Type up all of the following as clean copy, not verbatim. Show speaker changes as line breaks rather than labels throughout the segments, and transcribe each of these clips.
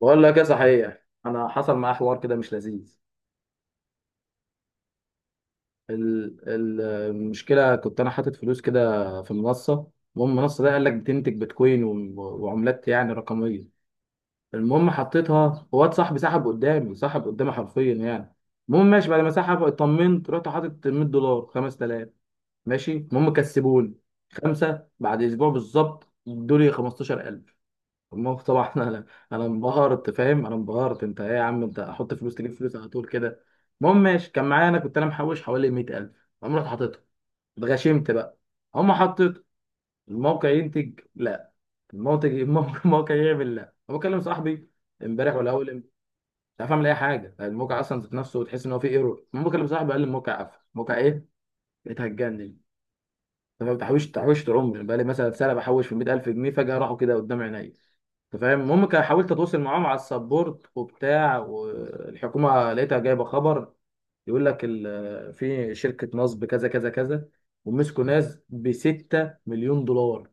بقول لك ايه؟ صحيح انا حصل معايا حوار كده مش لذيذ. المشكله، كنت انا حاطط فلوس كده في منصه. المهم المنصه ده قال لك بتنتج بيتكوين وعملات يعني رقميه. المهم حطيتها، وواد صاحبي سحب قدامي، سحب قدامي حرفيا يعني. المهم ماشي، بعد ما سحب اطمنت، رحت حاطط $100، 5000. ماشي المهم كسبوني خمسه، بعد اسبوع بالظبط ادوني 15000. ما هو طبعا انا انبهرت، فاهم؟ انا انبهرت. انت ايه يا عم؟ انت احط فلوس تجيب فلوس على طول كده. المهم ماشي، كان معايا انا، كنت محوش حوالي 100000. قام رحت حاططهم، اتغشمت بقى. هم حطيت، الموقع ينتج لا، الموقع يعمل لا. انا بكلم صاحبي امبارح ولا اول امبارح، مش عارف اعمل اي حاجه، الموقع اصلا ذات نفسه وتحس ان هو فيه ايرور. المهم بكلم صاحبي قال لي الموقع قفل. الموقع ايه؟ بقيت هتجنن. طب ما بتحوش، تحوشت عمري بقى لي مثلا سنه، بحوش في 100000 جنيه، فجاه راحوا كده قدام عينيا. انت فاهم؟ المهم كان حاولت اتواصل معاهم على السبورت وبتاع، والحكومه لقيتها جايبه خبر، يقول لك في شركه نصب كذا كذا كذا، ومسكوا ناس ب 6 مليون دولار.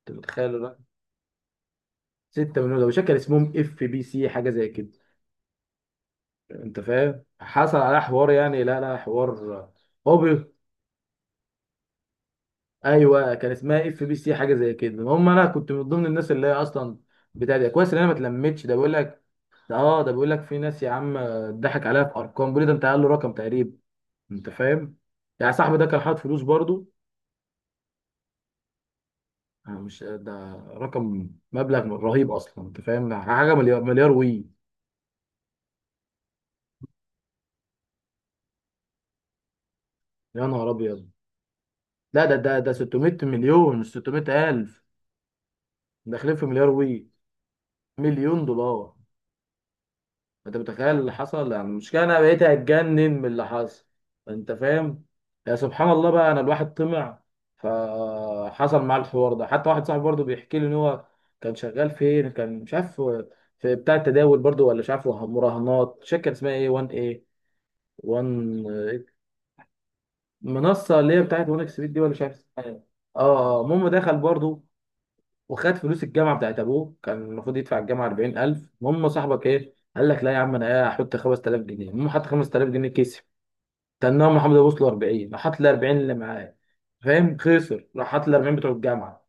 انت متخيل ده؟ 6 مليون دولار. شكل اسمهم اف بي سي، حاجه زي كده. انت فاهم؟ حصل على حوار يعني، لا لا حوار. هو بي... ايوه كان اسمها اف بي سي، حاجه زي كده. المهم انا كنت من ضمن الناس اللي هي اصلا بتاع ده. كويس ان انا ما اتلمتش. ده بقول لك، ده اه، ده بيقول لك في ناس يا عم ضحك عليها في ارقام. بيقول لي ده انت، قال له رقم تقريبا، انت فاهم؟ يعني صاحبي ده كان حاطط فلوس برضو. أنا مش، ده رقم مبلغ رهيب اصلا، انت فاهم حاجه؟ مليار، مليار وي. يا نهار ابيض. لا ده 600 مليون، مش 600 الف. داخلين في مليار وي، مليون دولار. انت متخيل اللي حصل يعني؟ المشكله انا بقيت اتجنن من اللي حصل. انت فاهم؟ يا سبحان الله بقى، انا الواحد طمع، فحصل معاه الحوار ده. حتى واحد صاحبي برضه بيحكي لي ان هو كان شغال فين، كان مش عارف، في بتاع التداول برضه، ولا مش عارف مراهنات. شركه كان اسمها ايه؟ 1 ايه؟ 1. منصه اللي هي بتاعت 1 اكس بيت دي، ولا مش عارف اسمها ايه. اه، آه، المهم دخل برضه، وخد فلوس الجامعه بتاعت ابوه. كان المفروض يدفع الجامعه 40000. المهم صاحبك ايه، قال لك لا يا عم انا ايه، هحط 5000 جنيه. المهم حط 5000 جنيه كسب. تنام محمد ابو وصل 40، راح حاط ال 40 اللي معاه. فاهم؟ خسر. راح حاط ال 40 بتوع الجامعه،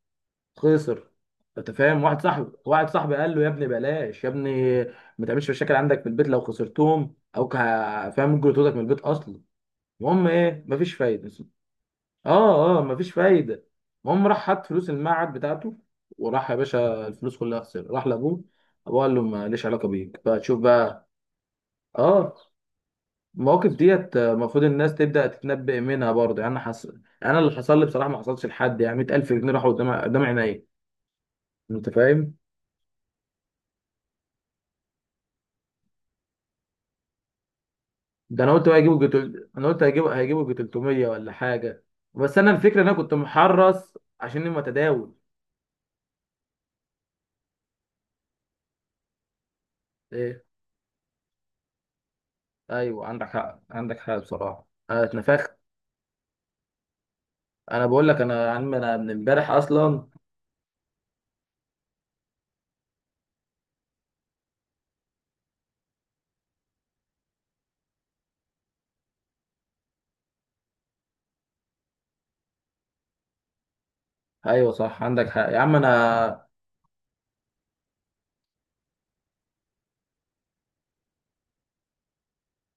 خسر. انت فاهم؟ واحد صاحبي قال له يا ابني بلاش يا ابني، ما تعملش مشاكل عندك في البيت لو خسرتهم، فاهم، ممكن يطردك من البيت اصلا. المهم ايه، مفيش فايده. اه اه، مفيش فايده. المهم راح حط فلوس المعهد بتاعته، وراح يا باشا، الفلوس كلها خسر. راح لابوه، ابوه قال له ماليش علاقه بيك بقى، تشوف بقى. اه. المواقف ديت، آه، المفروض الناس تبدا تتنبأ منها برضه يعني. انا حصل انا، اللي حصل لي بصراحه ما حصلش لحد يعني، 100000 جنيه راحوا قدام قدام عينيا. انت فاهم؟ ده انا قلت بقى هيجيبوا انا قلت هيجيبوا، هيجيبوا جي 300 ولا حاجه. بس انا الفكره ان انا كنت محرص عشان متداول. ايه؟ ايوه عندك حق، عندك حق بصراحه، انا اتنفخت. انا بقول لك انا، يا عم انا من امبارح اصلا. ايوه صح، عندك حق يا عم انا.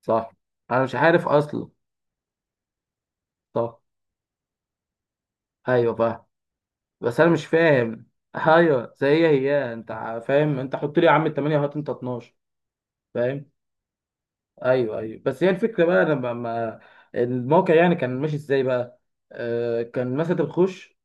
صح. انا مش عارف اصلا. صح. ايوه فاهم. بس انا مش فاهم ايوه، زي هي انت، فاهم؟ انت حط لي يا عم التمانية، هات انت 12. فاهم؟ ايوه ايوه. بس هي الفكره بقى لما الموقع يعني كان ماشي ازاي بقى؟ آه كان مثلا انت بتخش.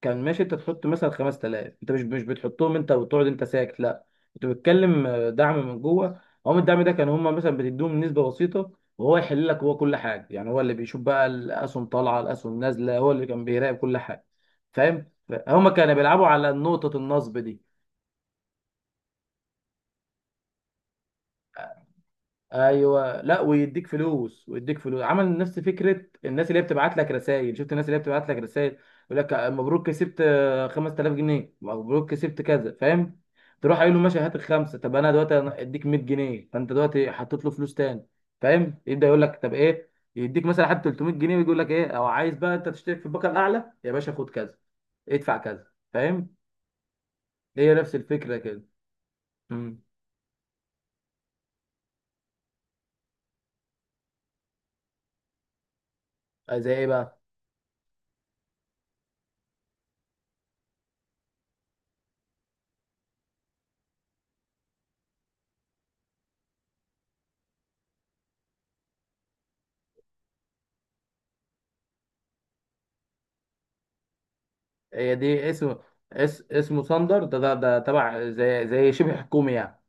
كان ماشي انت تحط مثلا 5000، انت مش مش بتحطهم انت وتقعد انت ساكت؟ لا، انت بتتكلم، آه، دعم من جوه. هم الدعم ده كان، هم مثلا بتديهم نسبه بسيطه، وهو يحل لك هو كل حاجه يعني. هو اللي بيشوف بقى، الاسهم طالعه، الاسهم نازله، هو اللي كان بيراقب كل حاجه. فاهم؟ هم كانوا بيلعبوا على نقطه النصب دي. ايوه. لا، ويديك فلوس، ويديك فلوس. عمل نفس فكره الناس اللي هي بتبعت لك رسائل. شفت الناس اللي هي بتبعت لك رسائل؟ يقول لك مبروك كسبت، آه، 5000 جنيه، مبروك كسبت كذا. فاهم؟ تروح قايل له ماشي هات الخمسه. طب انا دلوقتي، أنا اديك 100 جنيه، فانت دلوقتي حطيت له فلوس تاني. فاهم؟ يبدا يقول لك طب ايه، يديك مثلا حتى 300 جنيه، ويجي يقول لك ايه، او عايز بقى انت تشترك في الباقه الاعلى يا باشا، خد كذا ادفع كذا. فاهم؟ هي نفس الفكره كده. امم. زي ايه بقى؟ هي دي اسم، اسمه ثاندر ده، تبع، زي زي شبه حكومي يعني.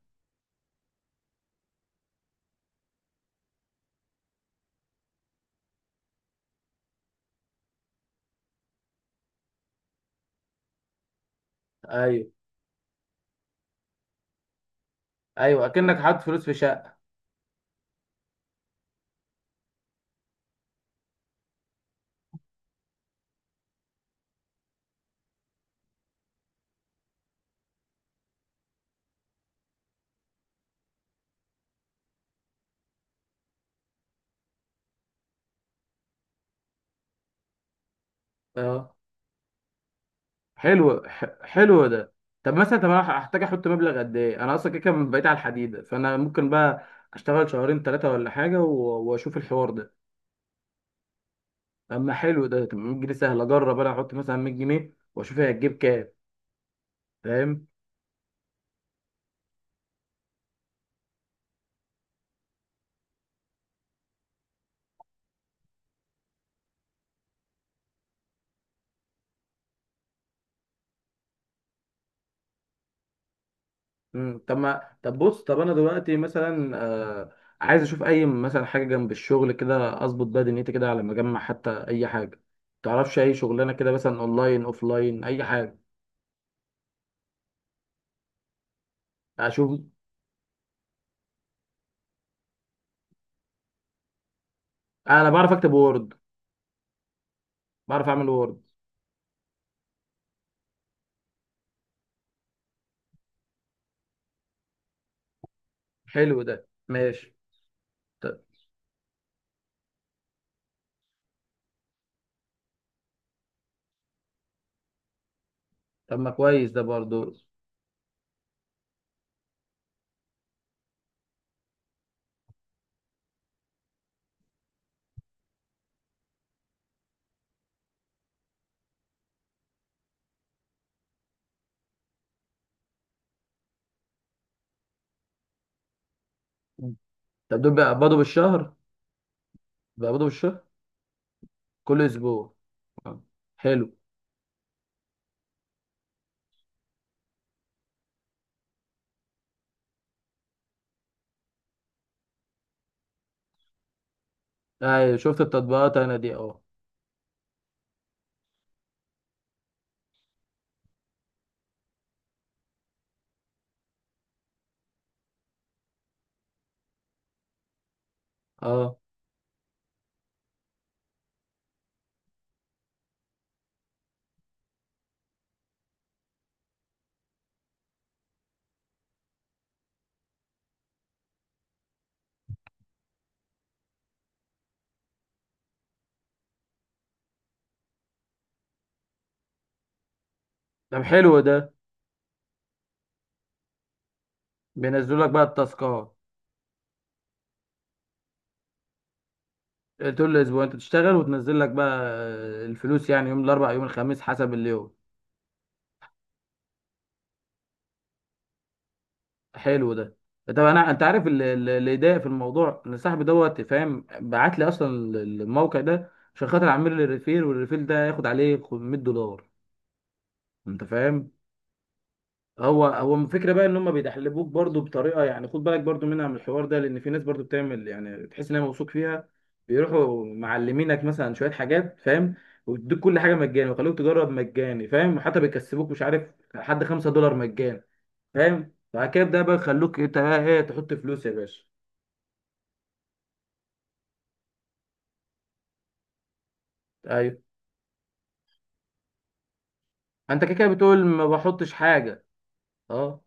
ايوه، ايوه، اكنك حاطط فلوس في شقه. اه. حلو، حلو ده. طب مثلا، طب انا هحتاج احط مبلغ قد ايه؟ انا اصلا كده كده بقيت على الحديده، فانا ممكن بقى اشتغل شهرين ثلاثه ولا حاجه، واشوف الحوار ده. اما حلو ده. طب 100 جنيه سهل اجرب، انا احط مثلا 100 جنيه واشوف هي هتجيب كام. فاهم؟ مم. طب ما، طب بص، طب انا دلوقتي مثلا، آه، عايز اشوف اي مثلا حاجه جنب الشغل كده، اظبط بقى دنيتي كده على ما اجمع، حتى اي حاجه. تعرفش اي شغلانه كده مثلا؟ اونلاين، اوفلاين، اي حاجه اشوف. انا بعرف اكتب وورد، بعرف اعمل وورد. حلو ده ماشي. ط- طب ما كويس ده برضو. مم. طب دول بيقبضوا بالشهر؟ بيقبضوا بالشهر؟ كل اسبوع؟ آه. حلو. ايوه شفت التطبيقات انا دي، اه. اه. طب حلو ده، بينزلوا لك بقى التاسكات طول الاسبوع، انت تشتغل وتنزل لك بقى الفلوس، يعني يوم الاربع يوم الخميس حسب اليوم. حلو ده. طب انا، انت عارف اللي اللي يضايق في الموضوع، ان صاحبي دوت فاهم بعت لي اصلا الموقع ده عشان خاطر اعمل لي ريفير، والريفير ده ياخد عليه 500 دولار. انت فاهم؟ هو هو الفكره بقى ان هم بيدحلبوك برضو بطريقه، يعني خد بالك برضو منها من الحوار ده، لان في ناس برضو بتعمل يعني تحس ان هي موثوق فيها، بيروحوا معلمينك مثلا شويه حاجات. فاهم؟ ويدوك كل حاجه مجاني، ويخلوك تجرب مجاني. فاهم؟ حتى بيكسبوك مش عارف لحد 5 دولار مجاني. فاهم؟ بعد كده ده بقى يخلوك انت بقى ايه، إيه، تحط فلوس يا باشا. ايوه. انت كده كده بتقول ما بحطش حاجه؟ اه.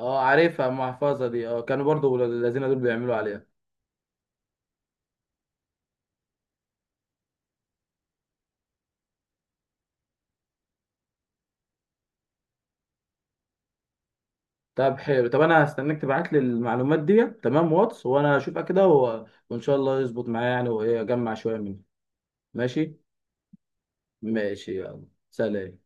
اه عارفها المحفظه دي، اه، كانوا برضو الذين دول بيعملوا عليها. طب حلو. طب انا هستناك تبعت لي المعلومات دي تمام واتس، وانا اشوفها كده، وان شاء الله يظبط معايا يعني، وايه اجمع شويه منها. ماشي. ماشي يلا. سلام.